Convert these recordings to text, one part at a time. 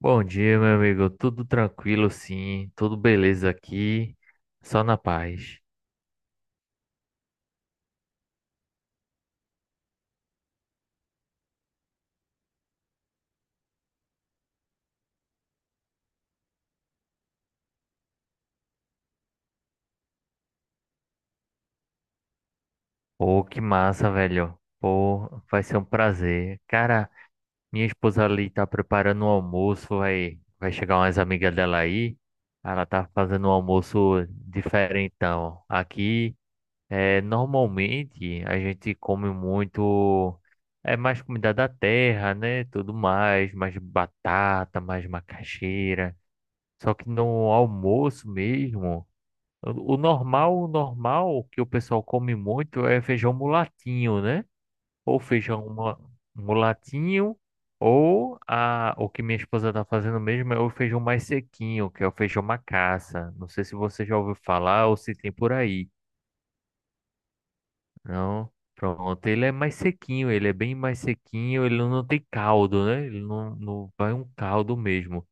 Bom dia, meu amigo. Tudo tranquilo, sim. Tudo beleza aqui. Só na paz. Pô, que massa, velho. Pô, vai ser um prazer. Cara, minha esposa ali tá preparando um almoço. Vai chegar umas amigas dela aí. Ela tá fazendo um almoço diferentão. Aqui, normalmente, a gente come muito. É mais comida da terra, né? Tudo mais. Mais batata, mais macaxeira. Só que no almoço mesmo, o normal, o normal que o pessoal come muito é feijão mulatinho, né? Ou mulatinho, ou o que minha esposa tá fazendo mesmo é o feijão mais sequinho, que é o feijão macaça. Não sei se você já ouviu falar ou se tem por aí. Não? Pronto, ele é mais sequinho, ele é bem mais sequinho, ele não tem caldo, né? Ele não vai um caldo mesmo.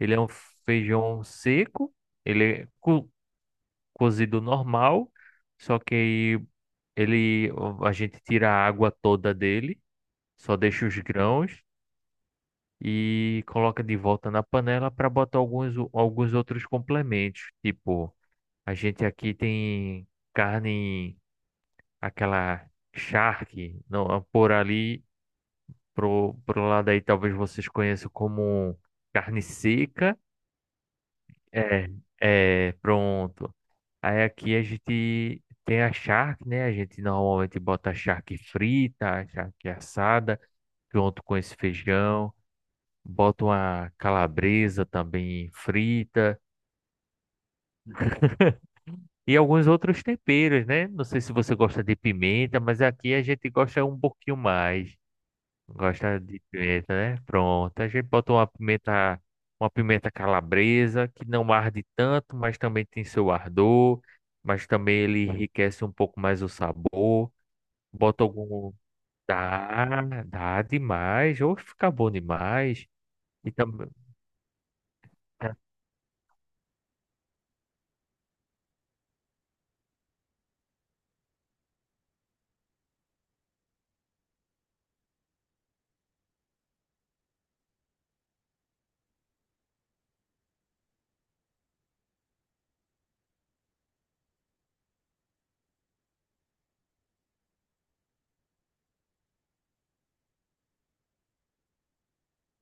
Ele é um feijão seco. Ele é cozido normal, só que aí ele a gente tira a água toda dele, só deixa os grãos e coloca de volta na panela para botar alguns outros complementos, tipo, a gente aqui tem carne aquela charque, não, por ali pro lado aí talvez vocês conheçam como carne seca. É, é, pronto. Aí aqui a gente tem a charque, né? A gente normalmente bota a charque frita, a charque assada, junto com esse feijão. Bota uma calabresa também frita e alguns outros temperos, né? Não sei se você gosta de pimenta, mas aqui a gente gosta um pouquinho mais. Gosta de pimenta, né? Pronto. A gente bota uma pimenta calabresa, que não arde tanto, mas também tem seu ardor, mas também ele enriquece um pouco mais o sabor. Bota algum. Dá, dá demais. Ou fica bom demais. E também.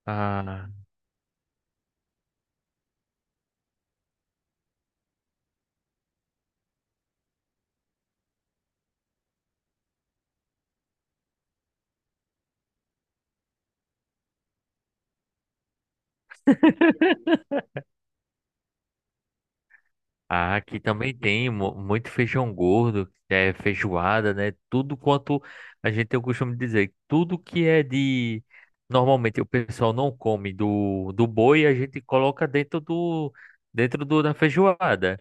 Ah, ah, aqui também tem muito feijão gordo, é feijoada, né? Tudo quanto a gente tem o costume de dizer, tudo que é de. Normalmente o pessoal não come do boi, a gente coloca dentro do da feijoada.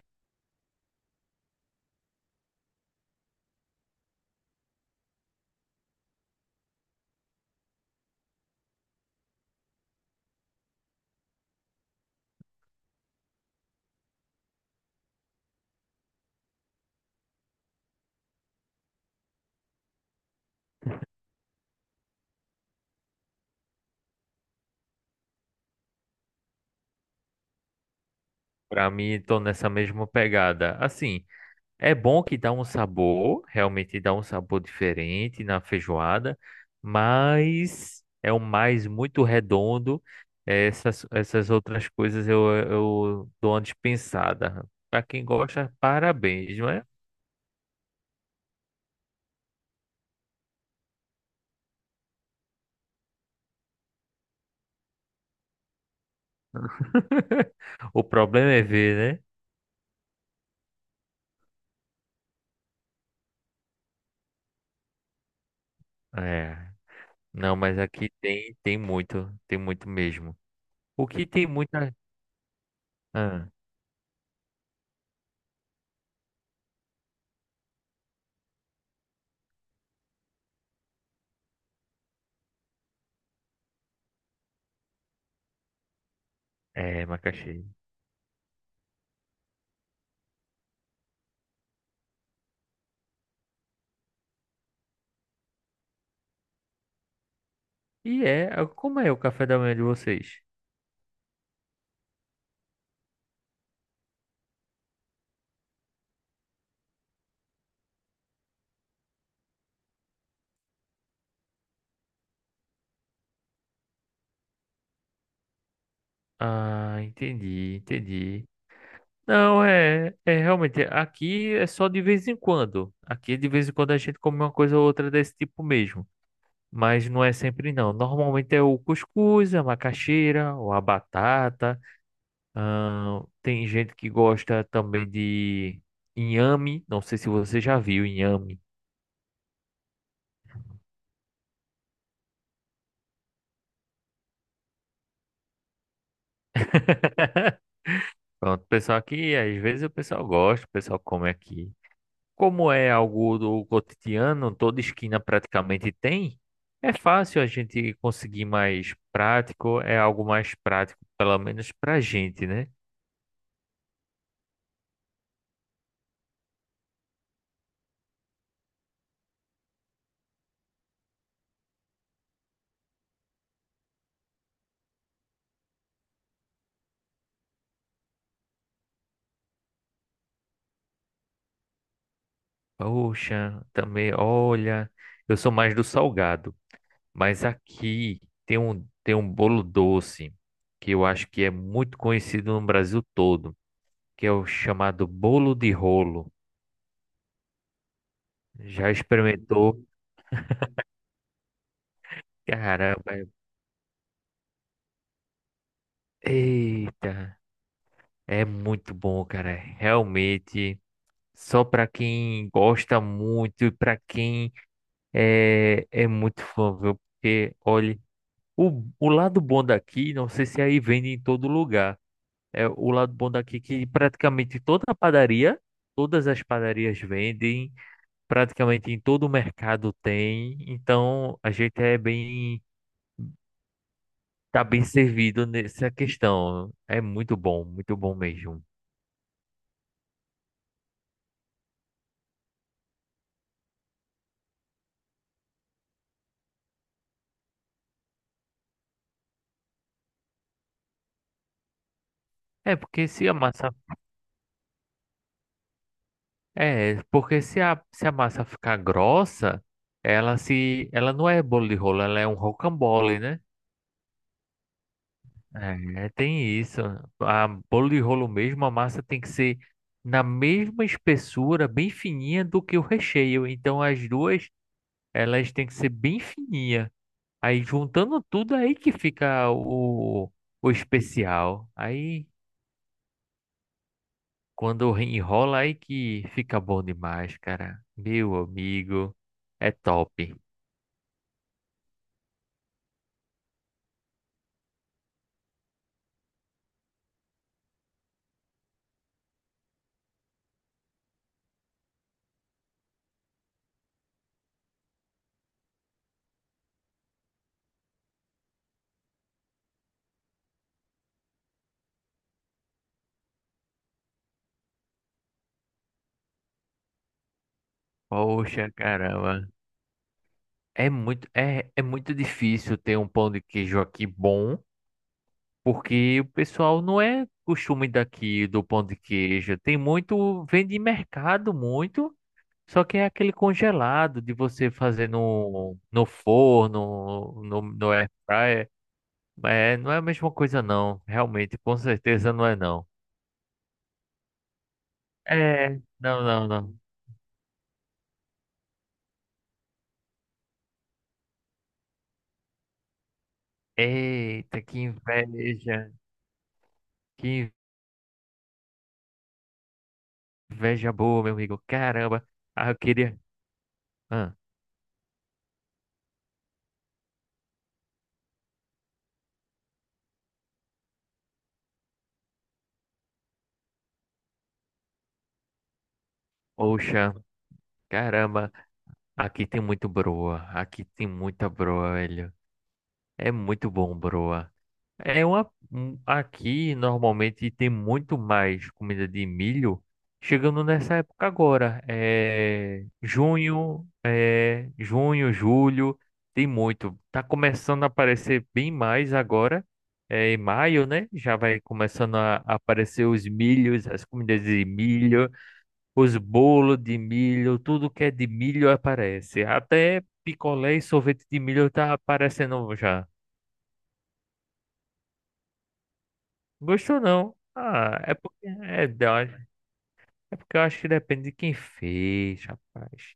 Pra mim, tô nessa mesma pegada. Assim. É bom que dá um sabor, realmente dá um sabor diferente na feijoada, mas é um mais muito redondo. Essas outras coisas eu dou uma dispensada. Para quem gosta, parabéns, não é? O problema é ver, né? É. Não, mas aqui tem, tem muito mesmo. O que tem muita. Ah, é, macaxeira. E é. Como é o café da manhã de vocês? Ah, entendi. Não, é realmente, aqui é só de vez em quando. Aqui de vez em quando a gente come uma coisa ou outra desse tipo mesmo. Mas não é sempre não. Normalmente é o cuscuz, a macaxeira, ou a batata. Tem gente que gosta também de inhame. Não sei se você já viu inhame. Pronto, o pessoal aqui, às vezes o pessoal gosta, o pessoal come aqui. Como é algo do cotidiano, toda esquina praticamente tem, é fácil a gente conseguir mais prático, é algo mais prático, pelo menos pra gente, né? Poxa, também, olha, eu sou mais do salgado, mas aqui tem tem um bolo doce que eu acho que é muito conhecido no Brasil todo, que é o chamado bolo de rolo. Já experimentou? Caramba, eita, é muito bom, cara, realmente. Só para quem gosta muito e para quem é muito fã, viu? Porque, olha, o lado bom daqui, não sei se é aí vende em todo lugar. É o lado bom daqui que praticamente toda a padaria, todas as padarias vendem, praticamente em todo o mercado tem. Então a gente é bem, tá bem servido nessa questão. É muito bom mesmo. É porque se a massa é, porque se se a massa ficar grossa, ela não é bolo de rolo, ela é um rocambole, né? É, tem isso. A bolo de rolo mesmo, a massa tem que ser na mesma espessura, bem fininha do que o recheio. Então as duas, elas têm que ser bem fininha. Aí juntando tudo aí que fica o especial. Aí quando enrola aí que fica bom demais, cara. Meu amigo, é top. Poxa, caramba. É muito, é muito difícil ter um pão de queijo aqui bom, porque o pessoal não é costume daqui do pão de queijo. Tem muito, vende em mercado muito, só que é aquele congelado de você fazer no forno, no air fryer. É, não é a mesma coisa não, realmente, com certeza não é não. É, não. Eita, que inveja boa, meu amigo. Caramba, ah, eu queria. Ah, poxa, caramba, aqui tem muito broa, aqui tem muita broa, velho. É muito bom, broa. É uma, aqui normalmente tem muito mais comida de milho chegando nessa época agora. É junho, julho, tem muito. Tá começando a aparecer bem mais agora. É em maio, né? Já vai começando a aparecer os milhos, as comidas de milho. Os bolos de milho, tudo que é de milho aparece. Até picolé e sorvete de milho tá aparecendo já. Gostou não? Ah, é porque eu acho que depende de quem fez, rapaz.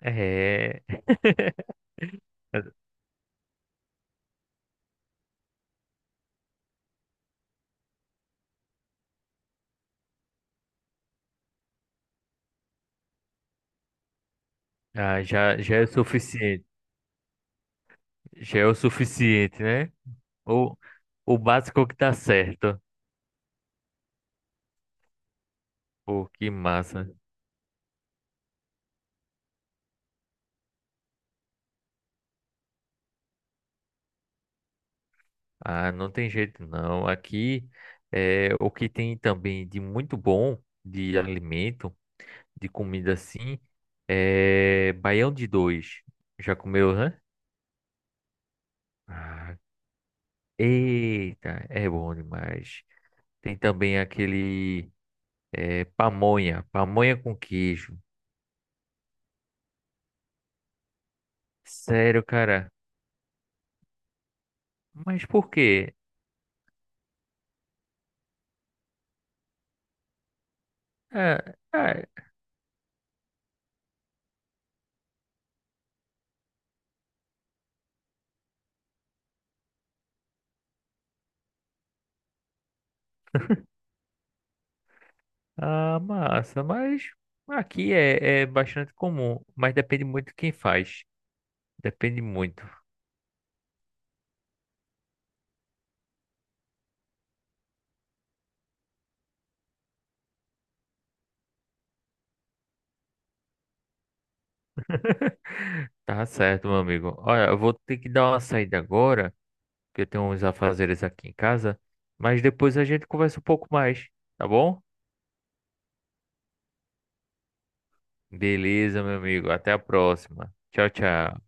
É. Ah, já é o suficiente. Já é o suficiente, né? O, o básico que tá certo. Pô, que massa. Ah, não tem jeito não. Aqui é o que tem também de muito bom de alimento, de comida assim, é baião de dois. Já comeu, né? Ah, eita, é bom demais. Tem também aquele é, pamonha, pamonha com queijo. Sério, cara. Mas por quê? É, é, a massa, mas aqui é bastante comum, mas depende muito de quem faz. Depende muito. Tá certo, meu amigo. Olha, eu vou ter que dar uma saída agora, porque eu tenho uns afazeres aqui em casa, mas depois a gente conversa um pouco mais, tá bom? Beleza, meu amigo. Até a próxima. Tchau, tchau.